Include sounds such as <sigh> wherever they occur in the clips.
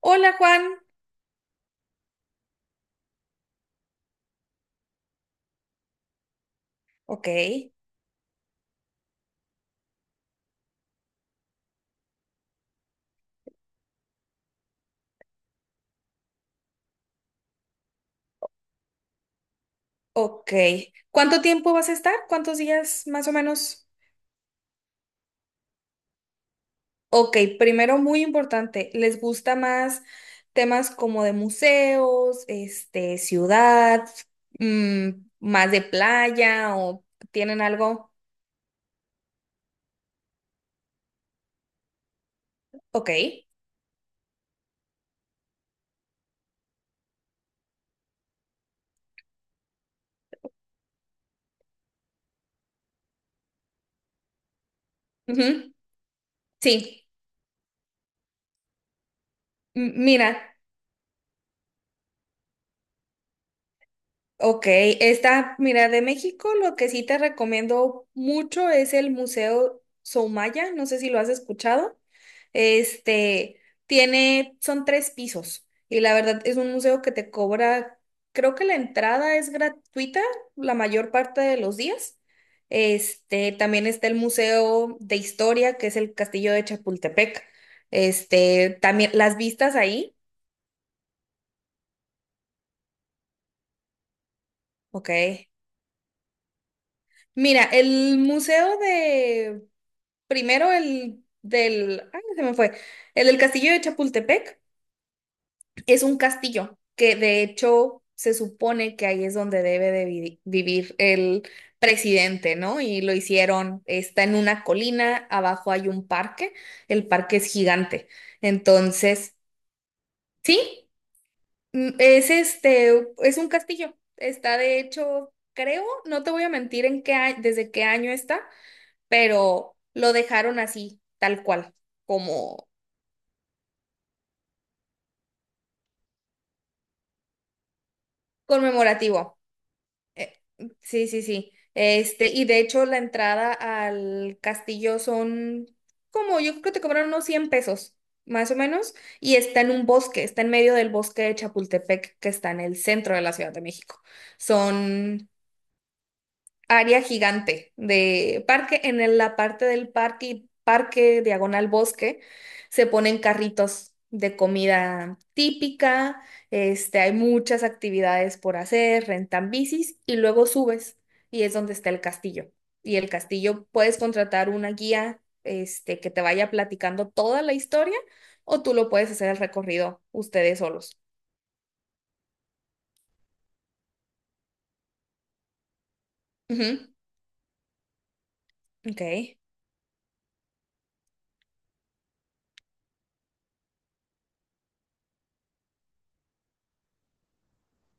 Hola Juan. Ok, ok. ¿Cuánto tiempo vas a estar? ¿Cuántos días más o menos? Ok, primero muy importante, ¿les gusta más temas como de museos, ciudad, mm, más de playa o tienen algo? Ok. Ujú, Sí. Mira, ok, mira, de México lo que sí te recomiendo mucho es el Museo Soumaya, no sé si lo has escuchado. Son tres pisos y la verdad es un museo que te cobra, creo que la entrada es gratuita la mayor parte de los días. También está el Museo de Historia, que es el Castillo de Chapultepec. También las vistas ahí, ok. Mira, el museo de, primero el del, ay, se me fue, el del Castillo de Chapultepec. Es un castillo que de hecho se supone que ahí es donde debe de vivir el presidente, ¿no? Y lo hicieron, está en una colina, abajo hay un parque, el parque es gigante. Entonces, sí, es un castillo. Está de hecho, creo, no te voy a mentir en qué desde qué año está, pero lo dejaron así, tal cual, como conmemorativo. Eh, sí, sí, sí. Y de hecho la entrada al castillo son como, yo creo que te cobraron unos 100 pesos, más o menos, y está en un bosque, está en medio del bosque de Chapultepec, que está en el centro de la Ciudad de México. Son área gigante de parque. La parte del parque, y parque diagonal bosque, se ponen carritos de comida típica, hay muchas actividades por hacer, rentan bicis y luego subes y es donde está el castillo. Y el castillo puedes contratar una guía, que te vaya platicando toda la historia o tú lo puedes hacer el recorrido ustedes solos. Ujú, Ok.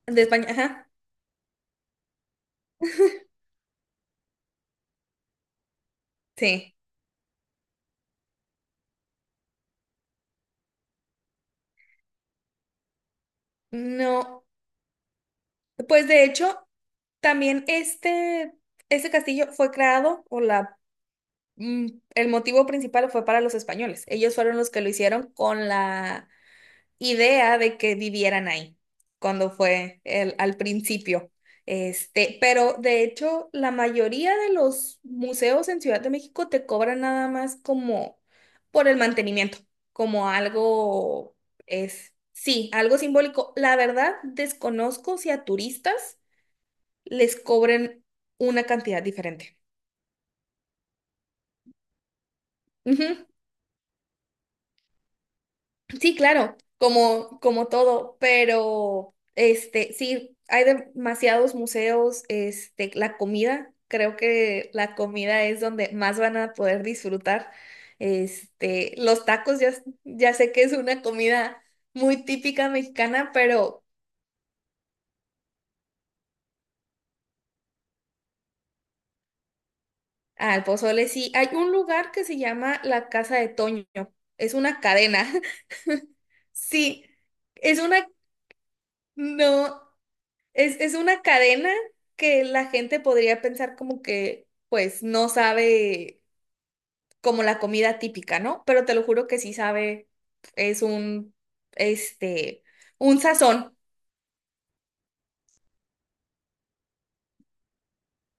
De España, ajá. <laughs> Sí. No. Pues de hecho, también este castillo fue creado, mm, el motivo principal fue para los españoles. Ellos fueron los que lo hicieron con la idea de que vivieran ahí, cuando fue el, al principio. Pero de hecho, la mayoría de los museos en Ciudad de México te cobran nada más como por el mantenimiento, como algo es, sí, algo simbólico. La verdad, desconozco si a turistas les cobren una cantidad diferente. Ujú. Sí, claro, como todo, pero sí, hay demasiados museos, la comida, creo que la comida es donde más van a poder disfrutar. Los tacos, ya sé que es una comida muy típica mexicana, pero al pozole sí. Hay un lugar que se llama la Casa de Toño, es una cadena. <laughs> Sí, es una, no. Es una cadena que la gente podría pensar como que, pues, no sabe como la comida típica, ¿no? Pero te lo juro que sí sabe, es este, un sazón.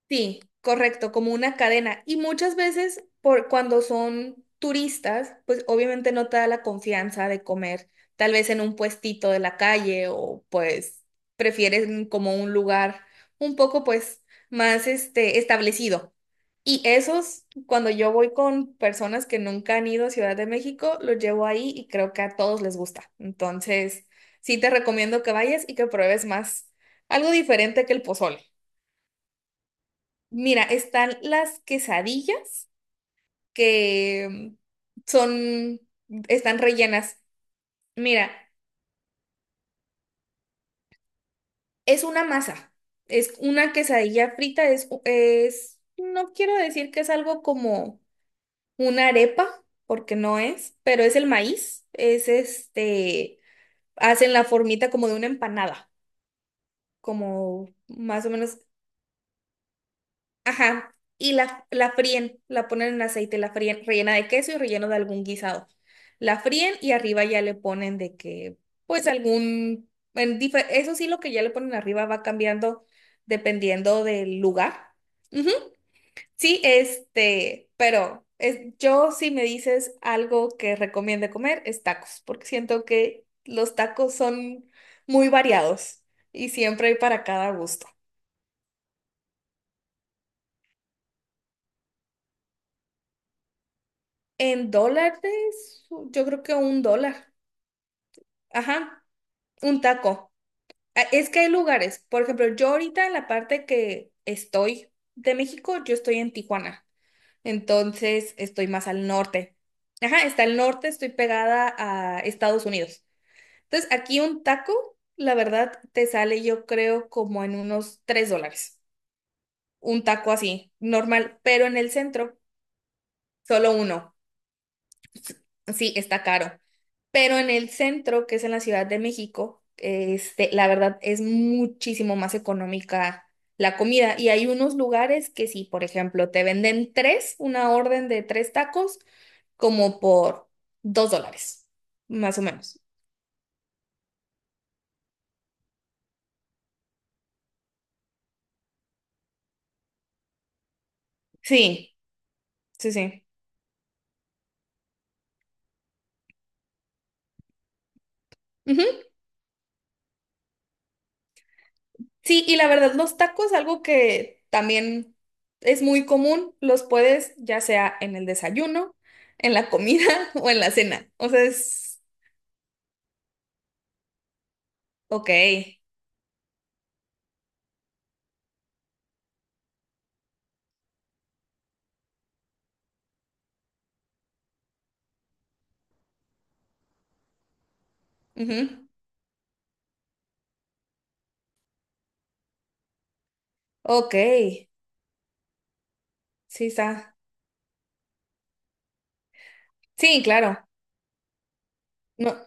Sí, correcto, como una cadena. Y muchas veces, por cuando son turistas, pues obviamente no te da la confianza de comer, tal vez en un puestito de la calle o pues prefieren como un lugar un poco pues más establecido. Y esos, cuando yo voy con personas que nunca han ido a Ciudad de México, los llevo ahí y creo que a todos les gusta. Entonces, sí te recomiendo que vayas y que pruebes más algo diferente que el pozole. Mira, están las quesadillas que son, están rellenas. Mira, es una masa, es una quesadilla frita, no quiero decir que es algo como una arepa, porque no es, pero es el maíz, hacen la formita como de una empanada, como más o menos. Ajá, y la fríen, la ponen en aceite, la fríen, rellena de queso y relleno de algún guisado. La fríen y arriba ya le ponen de que, pues algún, eso sí, lo que ya le ponen arriba va cambiando dependiendo del lugar. Ujú. Sí, pero yo si me dices algo que recomiende comer es tacos, porque siento que los tacos son muy variados y siempre hay para cada gusto. En dólares, yo creo que $1. Ajá, un taco. Ah, es que hay lugares. Por ejemplo, yo ahorita en la parte que estoy de México, yo estoy en Tijuana. Entonces, estoy más al norte. Ajá, está al norte, estoy pegada a Estados Unidos. Entonces, aquí un taco, la verdad, te sale yo creo como en unos $3. Un taco así, normal, pero en el centro, solo uno. Sí, está caro. Pero en el centro, que es en la Ciudad de México, la verdad es muchísimo más económica la comida. Y hay unos lugares que sí, por ejemplo, te venden tres, una orden de tres tacos, como por $2, más o menos. Sí, sí, sí. Ujú. Sí, y la verdad, los tacos, algo que también es muy común, los puedes ya sea en el desayuno, en la comida <laughs> o en la cena. O sea, es ok. Ujú. Ok, sí está. Sí, claro. No,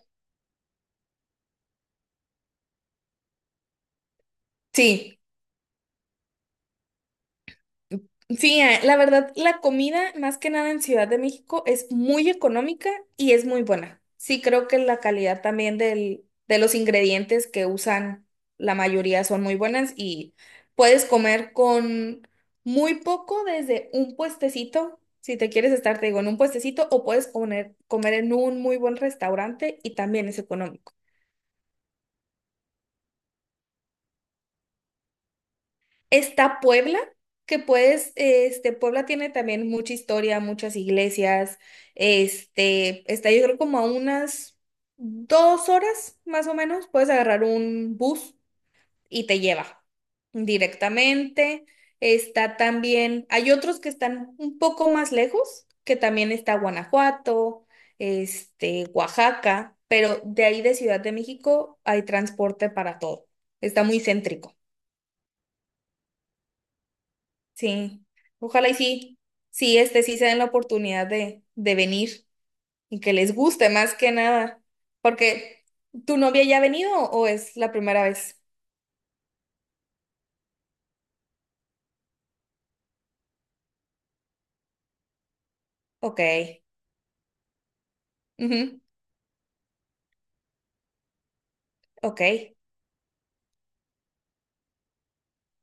sí. Sí, la verdad, la comida, más que nada en Ciudad de México, es muy económica y es muy buena. Sí, creo que la calidad también del, de los ingredientes que usan, la mayoría son muy buenas y puedes comer con muy poco desde un puestecito. Si te quieres estar, te digo, en un puestecito o puedes comer, comer en un muy buen restaurante y también es económico. Está Puebla, que puedes, Puebla tiene también mucha historia, muchas iglesias, está yo creo como a unas 2 horas más o menos, puedes agarrar un bus y te lleva directamente. Está también, hay otros que están un poco más lejos, que también está Guanajuato, Oaxaca, pero de ahí de Ciudad de México hay transporte para todo. Está muy céntrico. Sí, ojalá y sí, sí, sí se den la oportunidad de venir y que les guste más que nada. Porque, ¿tu novia ya ha venido o es la primera vez? Ok, ujú, Ok,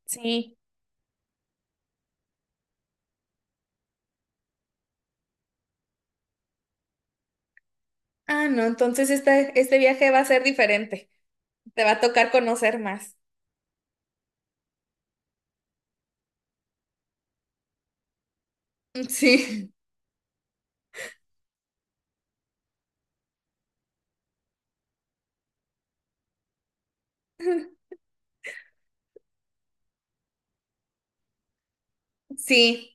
sí. Ah, no, entonces este viaje va a ser diferente. Te va a tocar conocer más. Sí, <laughs> sí.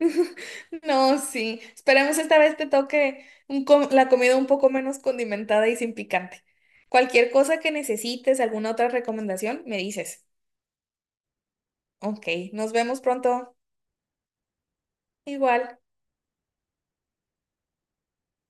<laughs> No, sí. Esperemos esta vez te toque un la comida un poco menos condimentada y sin picante. Cualquier cosa que necesites, alguna otra recomendación, me dices. Ok, nos vemos pronto. Igual.